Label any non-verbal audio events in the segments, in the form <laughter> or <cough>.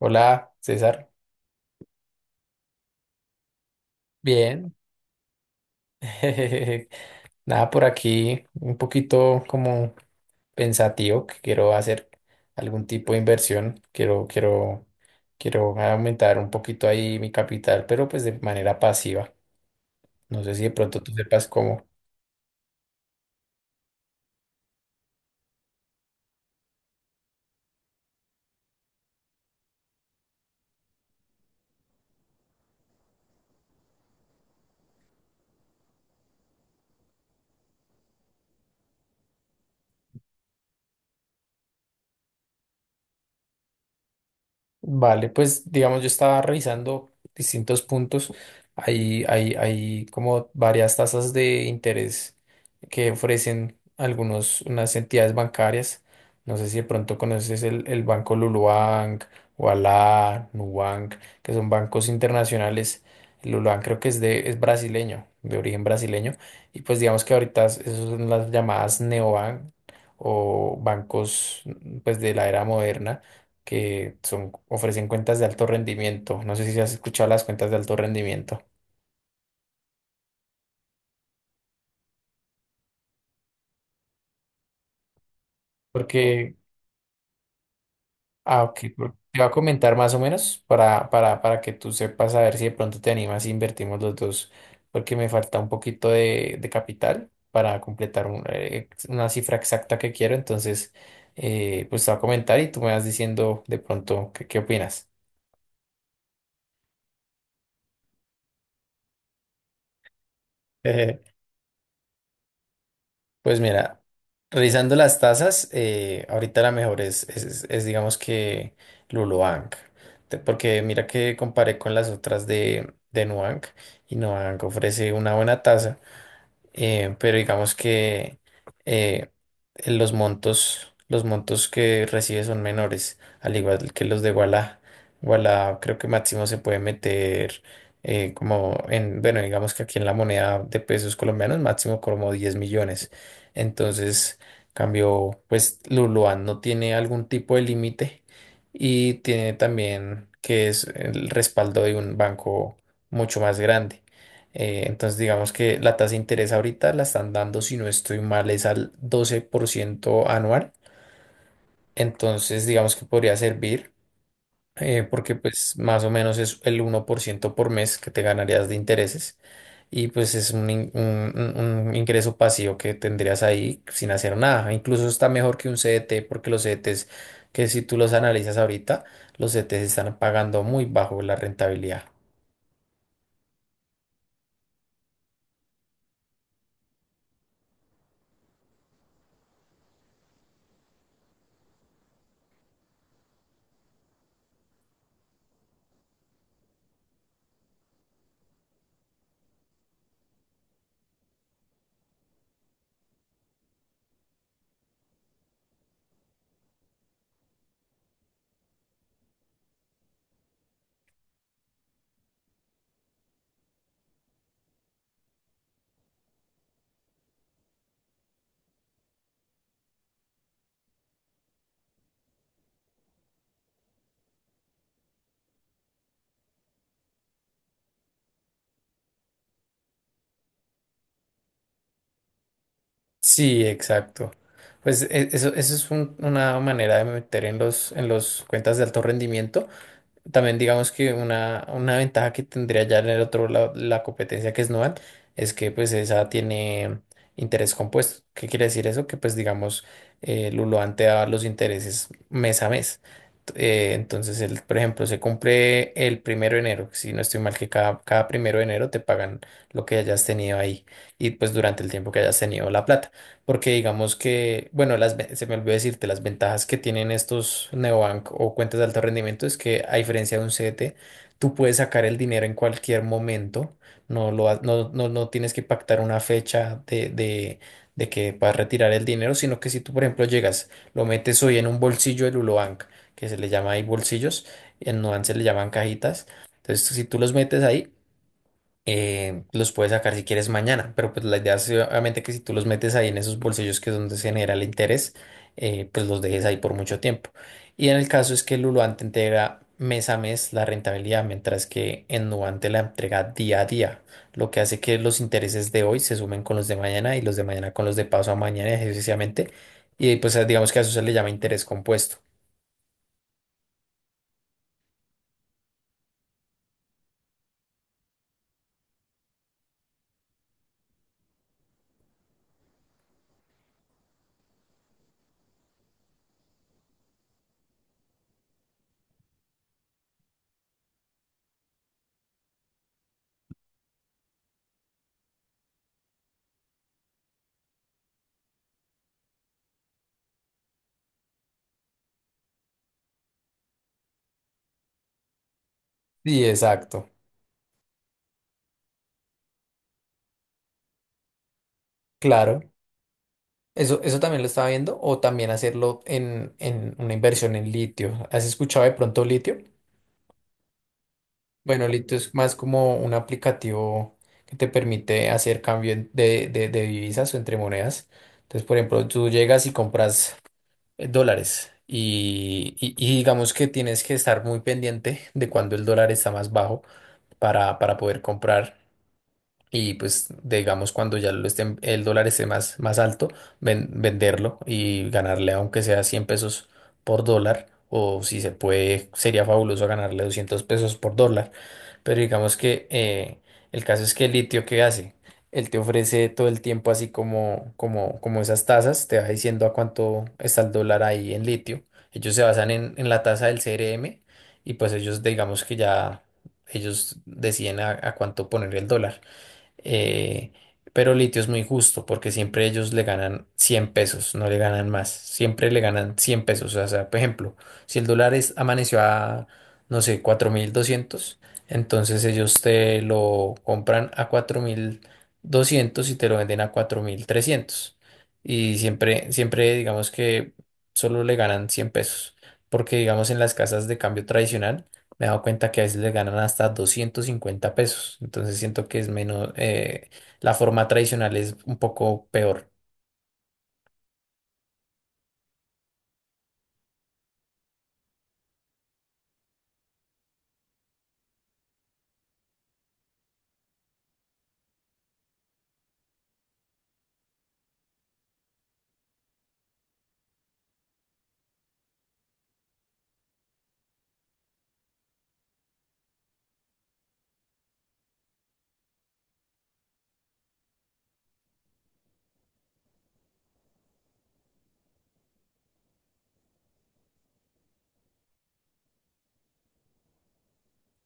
Hola, César. Bien. <laughs> Nada por aquí, un poquito como pensativo que quiero hacer algún tipo de inversión. Quiero aumentar un poquito ahí mi capital, pero pues de manera pasiva. No sé si de pronto tú sepas cómo. Vale, pues digamos, yo estaba revisando distintos puntos. Hay como varias tasas de interés que ofrecen unas entidades bancarias. No sé si de pronto conoces el banco Lulubank, Ualá, Nubank, que son bancos internacionales. El Lulubank creo que es brasileño, de origen brasileño. Y pues digamos que ahorita esas son las llamadas neobank o bancos pues de la era moderna que son, ofrecen cuentas de alto rendimiento. No sé si has escuchado las cuentas de alto rendimiento. Porque, ah, ok, por- te va a comentar más o menos para que tú sepas a ver si de pronto te animas y invertimos los dos, porque me falta un poquito de capital para completar una cifra exacta que quiero. Entonces, pues te va a comentar y tú me vas diciendo de pronto qué opinas. <laughs> Pues mira, revisando las tasas, ahorita la mejor es, digamos que Lulubank, porque mira que comparé con las otras de Nubank, y Nubank ofrece una buena tasa, pero digamos que eh, los montos que recibe son menores, al igual que los de Walla. Walla creo que máximo se puede meter como en, bueno, digamos que aquí en la moneda de pesos colombianos, máximo como 10.000.000. Entonces, cambio, pues Luluan no tiene algún tipo de límite y tiene también que es el respaldo de un banco mucho más grande. Entonces, digamos que la tasa de interés ahorita la están dando, si no estoy mal, es al 12% anual. Entonces, digamos que podría servir, porque pues más o menos es el 1% por mes que te ganarías de intereses, y pues es un, un ingreso pasivo que tendrías ahí sin hacer nada. Incluso está mejor que un CDT, porque los CDTs, que si tú los analizas ahorita, los CDTs están pagando muy bajo la rentabilidad. Sí, exacto. Pues eso es una manera de meter en los cuentas de alto rendimiento. También digamos que una ventaja que tendría ya en el otro lado la competencia, que es Nual, es que pues esa tiene interés compuesto. ¿Qué quiere decir eso? Que pues digamos Luluan te da los intereses mes a mes. T- entonces, el, por ejemplo, se cumple el primero de enero. Si no estoy mal, que cada primero de enero te pagan lo que hayas tenido ahí y pues durante el tiempo que hayas tenido la plata, porque digamos que, bueno, se me olvidó decirte, las ventajas que tienen estos neobank o cuentas de alto rendimiento es que, a diferencia de un CDT, tú puedes sacar el dinero en cualquier momento, no, lo, ha- no, no, no tienes que pactar una fecha de que puedas retirar el dinero, sino que si tú, por ejemplo, llegas, lo metes hoy en un bolsillo del Ulobank, que se le llama ahí bolsillos, en Nuance le llaman cajitas, entonces si tú los metes ahí, los puedes sacar si quieres mañana, pero pues la idea es obviamente que si tú los metes ahí en esos bolsillos, que es donde se genera el interés, pues los dejes ahí por mucho tiempo. Y en el caso es que el te entrega mes a mes la rentabilidad, mientras que en Nubank te la entrega día a día, lo que hace que los intereses de hoy se sumen con los de mañana y los de mañana con los de paso a mañana, y así sucesivamente. Y pues digamos que a eso se le llama interés compuesto. Sí, exacto. Claro. Eso también lo estaba viendo, o también hacerlo en una inversión en litio. ¿Has escuchado de pronto litio? Bueno, litio es más como un aplicativo que te permite hacer cambio de divisas o entre monedas. Entonces, por ejemplo, tú llegas y compras dólares, y digamos que tienes que estar muy pendiente de cuando el dólar está más bajo para poder comprar. Y pues digamos cuando ya lo esté, el dólar esté más, más alto, venderlo y ganarle aunque sea 100 pesos por dólar, o si se puede sería fabuloso ganarle 200 pesos por dólar, pero digamos que el caso es que el litio, ¿qué hace? Él te ofrece todo el tiempo así como esas tasas, te va diciendo a cuánto está el dólar ahí en litio. Ellos se basan en la tasa del CRM, y pues ellos digamos que ya ellos deciden a cuánto poner el dólar, eh, pero Litio es muy justo porque siempre ellos le ganan 100 pesos, no le ganan más. Siempre le ganan 100 pesos. O sea, por ejemplo, si el dólar amaneció a, no sé, 4.200, entonces ellos te lo compran a 4.200 y te lo venden a 4.300. Y siempre, siempre digamos que solo le ganan 100 pesos. Porque digamos en las casas de cambio tradicional, me he dado cuenta que a veces le ganan hasta 250 pesos. Entonces siento que es menos, la forma tradicional es un poco peor.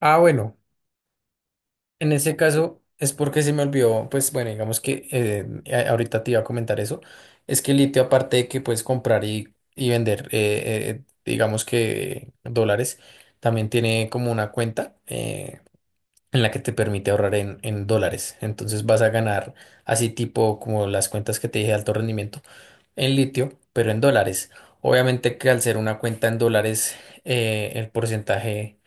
Ah, bueno, en ese caso es porque se me olvidó, pues bueno, digamos que ahorita te iba a comentar eso. Es que el litio, aparte de que puedes comprar y vender, digamos que dólares, también tiene como una cuenta. En la que te permite ahorrar en dólares. Entonces vas a ganar así tipo como las cuentas que te dije de alto rendimiento en litio, pero en dólares. Obviamente que al ser una cuenta en dólares, el porcentaje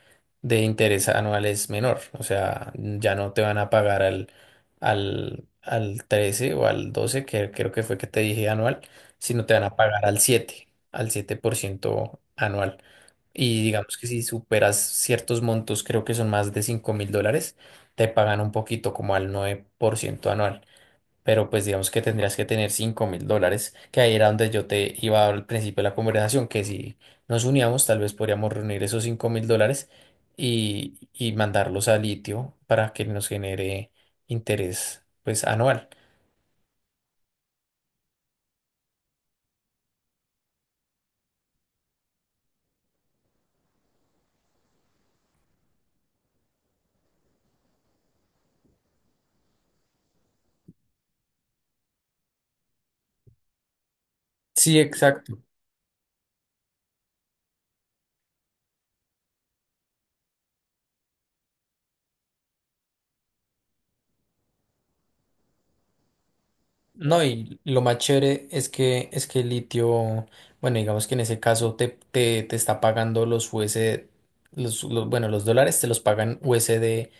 de interés anual es menor. O sea, ya no te van a pagar al 13 o al 12 que creo que fue que te dije anual, sino te van a pagar al 7% anual. Y digamos que si superas ciertos montos, creo que son más de 5.000 dólares, te pagan un poquito como al 9% anual. Pero pues digamos que tendrías que tener 5.000 dólares, que ahí era donde yo te iba al principio de la conversación, que si nos uníamos, tal vez podríamos reunir esos 5.000 dólares y mandarlos a litio para que nos genere interés pues anual. Sí, exacto. No, y lo más chévere es que el litio, bueno, digamos que en ese caso te está pagando los USD, bueno, los dólares te los pagan USD,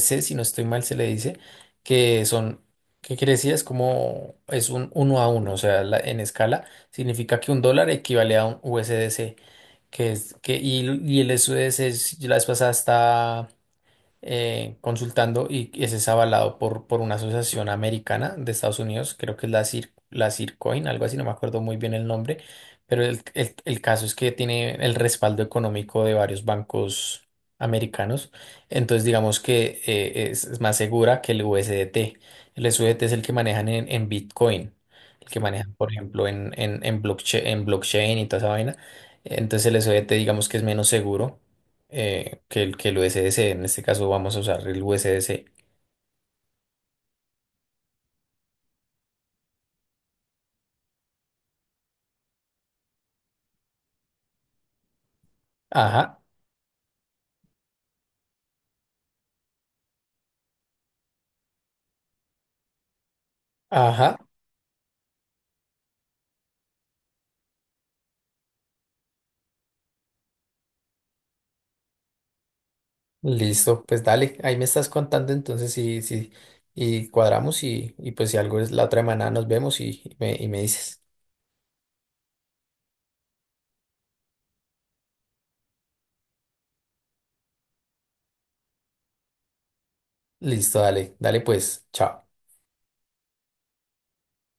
C si no estoy mal se le dice, que son, ¿qué quiere decir? Es como, es un uno a uno, o sea, la- en escala, significa que un dólar equivale a un U S D C, que es, que, y el U S D C la vez pasada consultando, y ese es avalado por una asociación americana de Estados Unidos, creo que es la Cir, la Circoin, algo así, no me acuerdo muy bien el nombre, pero el caso es que tiene el respaldo económico de varios bancos americanos. Entonces digamos que es más segura que el USDT. El USDT es el que manejan en Bitcoin, el que manejan, por ejemplo, en blockchain y toda esa vaina. Entonces el USDT digamos que es menos seguro, que el USDC. En este caso vamos a usar el USDC. Ajá, ajá, listo, pues dale, ahí me estás contando entonces sí, y cuadramos, y pues si algo es la otra semana nos vemos, y me dices, listo, dale, dale pues, chao.